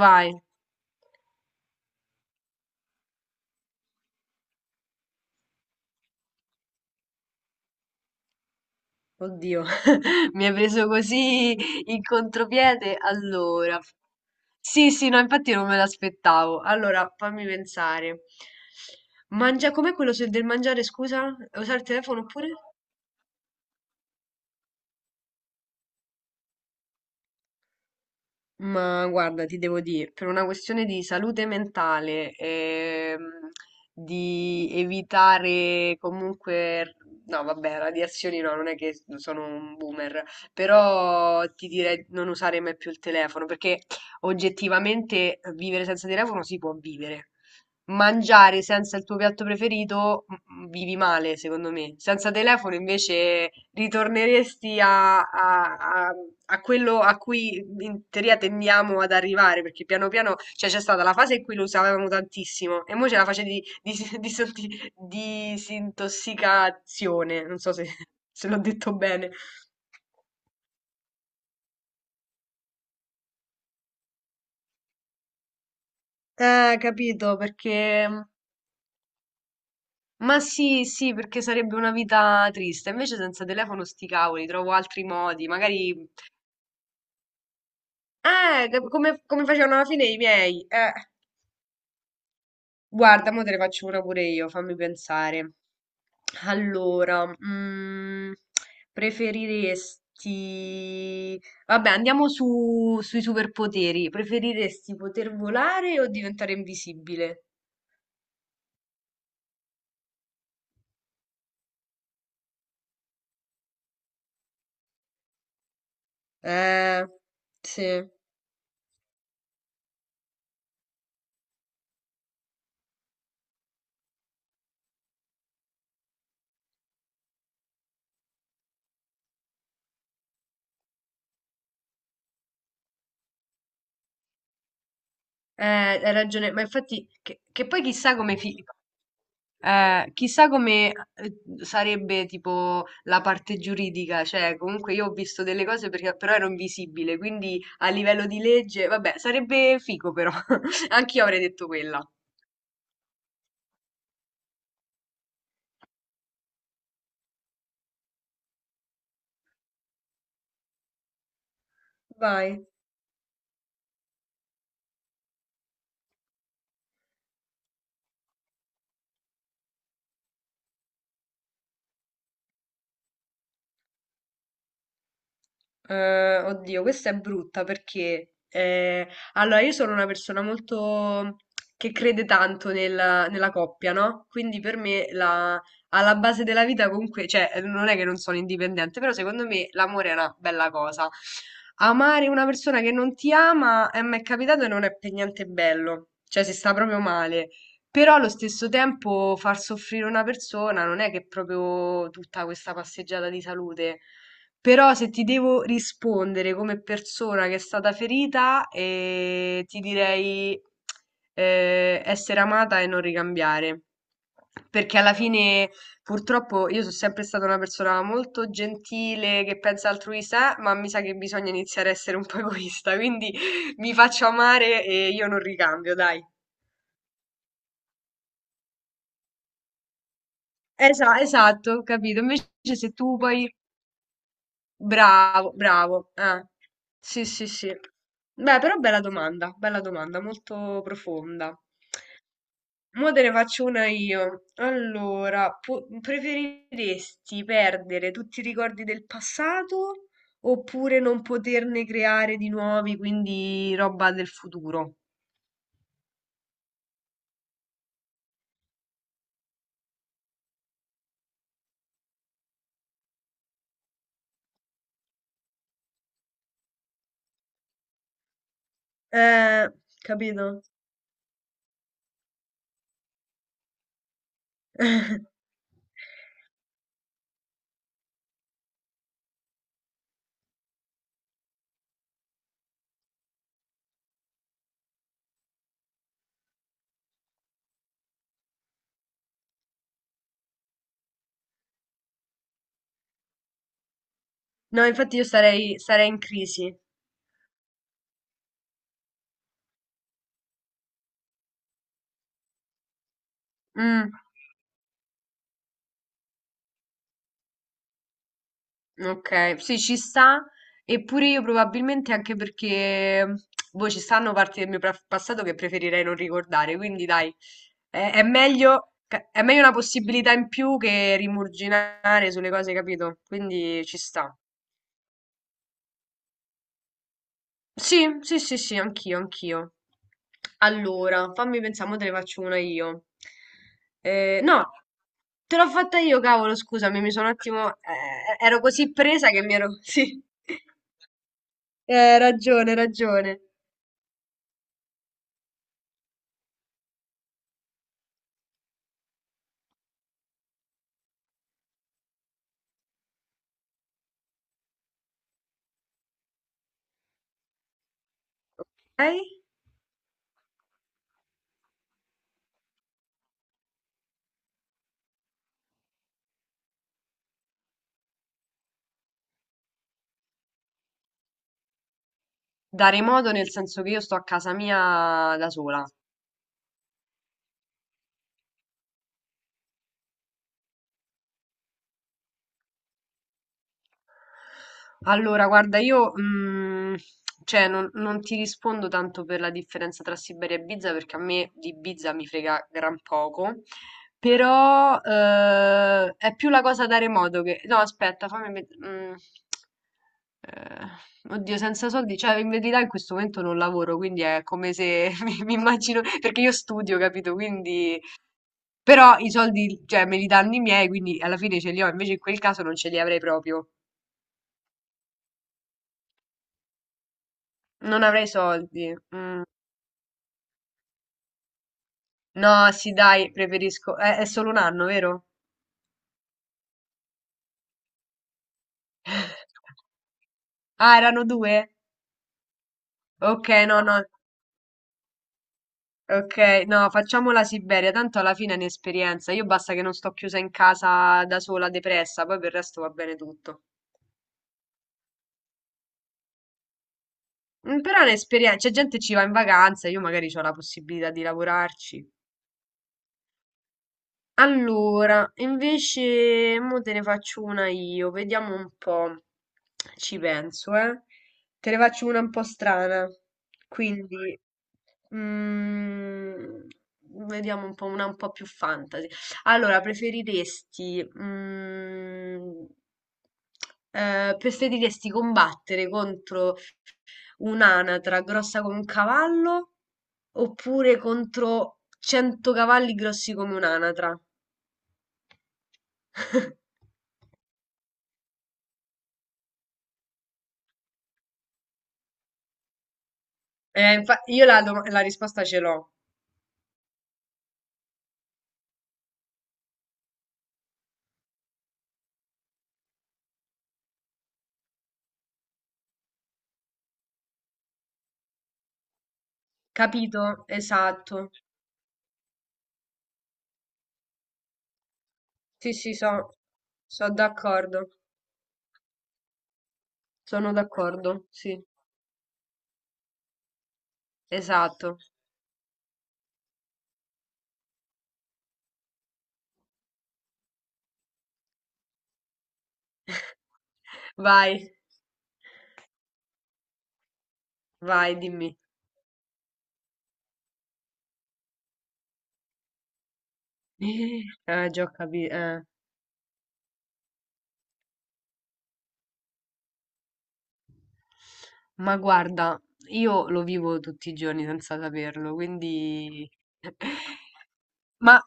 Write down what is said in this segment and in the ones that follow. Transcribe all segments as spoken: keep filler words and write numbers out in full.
Vai, oddio, mi hai preso così in contropiede. Allora, sì, sì, no, infatti non me l'aspettavo. Allora, fammi pensare. Mangia, com'è quello se- del mangiare, scusa? Usare il telefono oppure? Ma guarda, ti devo dire, per una questione di salute mentale, ehm, di evitare comunque, no, vabbè, radiazioni no, non è che sono un boomer, però ti direi non usare mai più il telefono, perché oggettivamente vivere senza telefono si può vivere mangiare senza il tuo piatto preferito mm, vivi male, secondo me. Senza telefono invece ritorneresti a, a- a- a quello a cui in teoria tendiamo ad arrivare, perché piano piano, cioè c'è stata la fase in cui lo usavamo tantissimo e ora c'è la fase di, di, di sotti- disintossicazione, non so se, se l'ho detto bene. Eh, capito, perché... Ma sì, sì, perché sarebbe una vita triste. Invece senza telefono sti cavoli, trovo altri modi. Magari... Eh, che- come, come facevano alla fine i miei. Eh, guarda, mo te ne faccio una pure io, fammi pensare. Allora, mm, preferiresti... Vabbè, andiamo su, sui superpoteri. Preferiresti poter volare o diventare invisibile? Eh, sì. Eh, hai ragione, ma infatti, che, che poi chissà come, fi- Eh, chissà come eh, sarebbe tipo la parte giuridica, cioè comunque io ho visto delle cose perché però ero invisibile, quindi a livello di legge, vabbè, sarebbe figo però, anch'io avrei detto quella. Vai. Eh, oddio, questa è brutta perché eh, allora io sono una persona molto che crede tanto nella nella coppia, no? Quindi per me la, alla base della vita comunque, cioè non è che non sono indipendente, però secondo me l'amore è una bella cosa. Amare una persona che non ti ama eh, mi è capitato e non è per niente bello, cioè si sta proprio male. Però allo stesso tempo far soffrire una persona non è che è proprio tutta questa passeggiata di salute. Però se ti devo rispondere come persona che è stata ferita, eh, ti direi eh, essere amata e non ricambiare. Perché alla fine, purtroppo, io sono sempre stata una persona molto gentile, che pensa altruista, eh, ma mi sa che bisogna iniziare a essere un po' egoista. Quindi mi faccio amare e io non ricambio, dai. Esa- esatto, capito. Invece se tu poi bravo, bravo. Eh. Sì, sì, sì. Beh, però bella domanda, bella domanda, molto profonda. Mo te ne faccio una io. Allora, pu- preferiresti perdere tutti i ricordi del passato oppure non poterne creare di nuovi, quindi roba del futuro? Eh, capito? No, infatti io sarei, sarei in crisi. Mm. Ok, sì, ci sta, eppure io probabilmente anche perché boh, ci stanno parti del mio pra- passato che preferirei non ricordare, quindi dai, è, è meglio, ca- è meglio una possibilità in più che rimurginare sulle cose, capito? Quindi ci sta. Sì, sì, sì, sì, anch'io, anch'io. Allora, fammi pensare, mo te ne faccio una io. Eh, no, te l'ho fatta io, cavolo, scusami, mi sono un attimo... eh, ero così presa che mi ero... Sì. Eh, ragione, ragione. Lei? Dare modo nel senso che io sto a casa mia da sola. Allora, guarda, io mm, cioè, non, non ti rispondo tanto per la differenza tra Siberia e Ibiza perché a me di Ibiza mi frega gran poco, però eh, è più la cosa dare modo che... No, aspetta, fammi... met- mm, eh, Oddio, senza soldi, cioè in verità in questo momento non lavoro, quindi è come se mi, mi immagino, perché io studio, capito? Quindi però i soldi, cioè me li danno i miei, quindi alla fine ce li ho, invece in quel caso non ce li avrei proprio. Non avrei soldi. Mm. No, sì, dai, preferisco. È, è solo un anno, vero? Ah, erano due? Ok, no, no. Ok, no, facciamo la Siberia, tanto alla fine è un'esperienza. Io basta che non sto chiusa in casa da sola, depressa, poi per il resto va bene tutto. Mm, però è un'esperienza, c'è gente che ci va in vacanza, io magari ho la possibilità di lavorarci. Allora, invece, mo te ne faccio una io, vediamo un po'. Ci penso, eh. Te ne faccio una un po' strana. Quindi, mm, vediamo un po' una un po' più fantasy. Allora, preferiresti, mm, eh, preferiresti combattere contro un'anatra grossa come un cavallo oppure contro cento cavalli grossi come un'anatra? Eh, infa- io la, dom- la risposta ce l'ho. Capito? Esatto. Sì, sì, so, sono d'accordo. Sono d'accordo. Sì, esatto. Vai, vai, dimmi. Eh, già ho capito. Ma guarda, io lo vivo tutti i giorni senza saperlo, quindi... Ma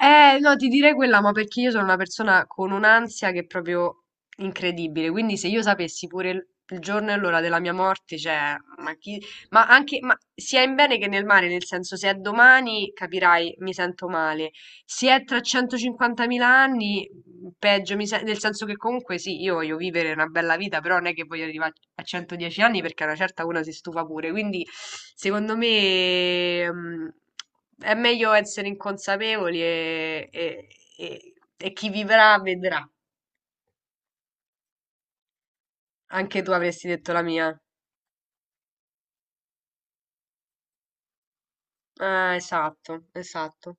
eh, no, ti direi quella, ma perché io sono una persona con un'ansia che è proprio incredibile. Quindi se io sapessi pure il il giorno e l'ora della mia morte, cioè, ma chi... Ma anche, ma sia in bene che nel male, nel senso, se è domani, capirai, mi sento male. Se è tra 150.000 anni, mm, peggio, mi sen- nel senso che comunque sì, io voglio vivere una bella vita, però non è che voglio arrivare a 110 anni perché a una certa una si stufa pure. Quindi, secondo me, mm, è meglio essere inconsapevoli e, e- e- e chi vivrà vedrà. Anche tu avresti detto la mia. Ah, esatto, esatto.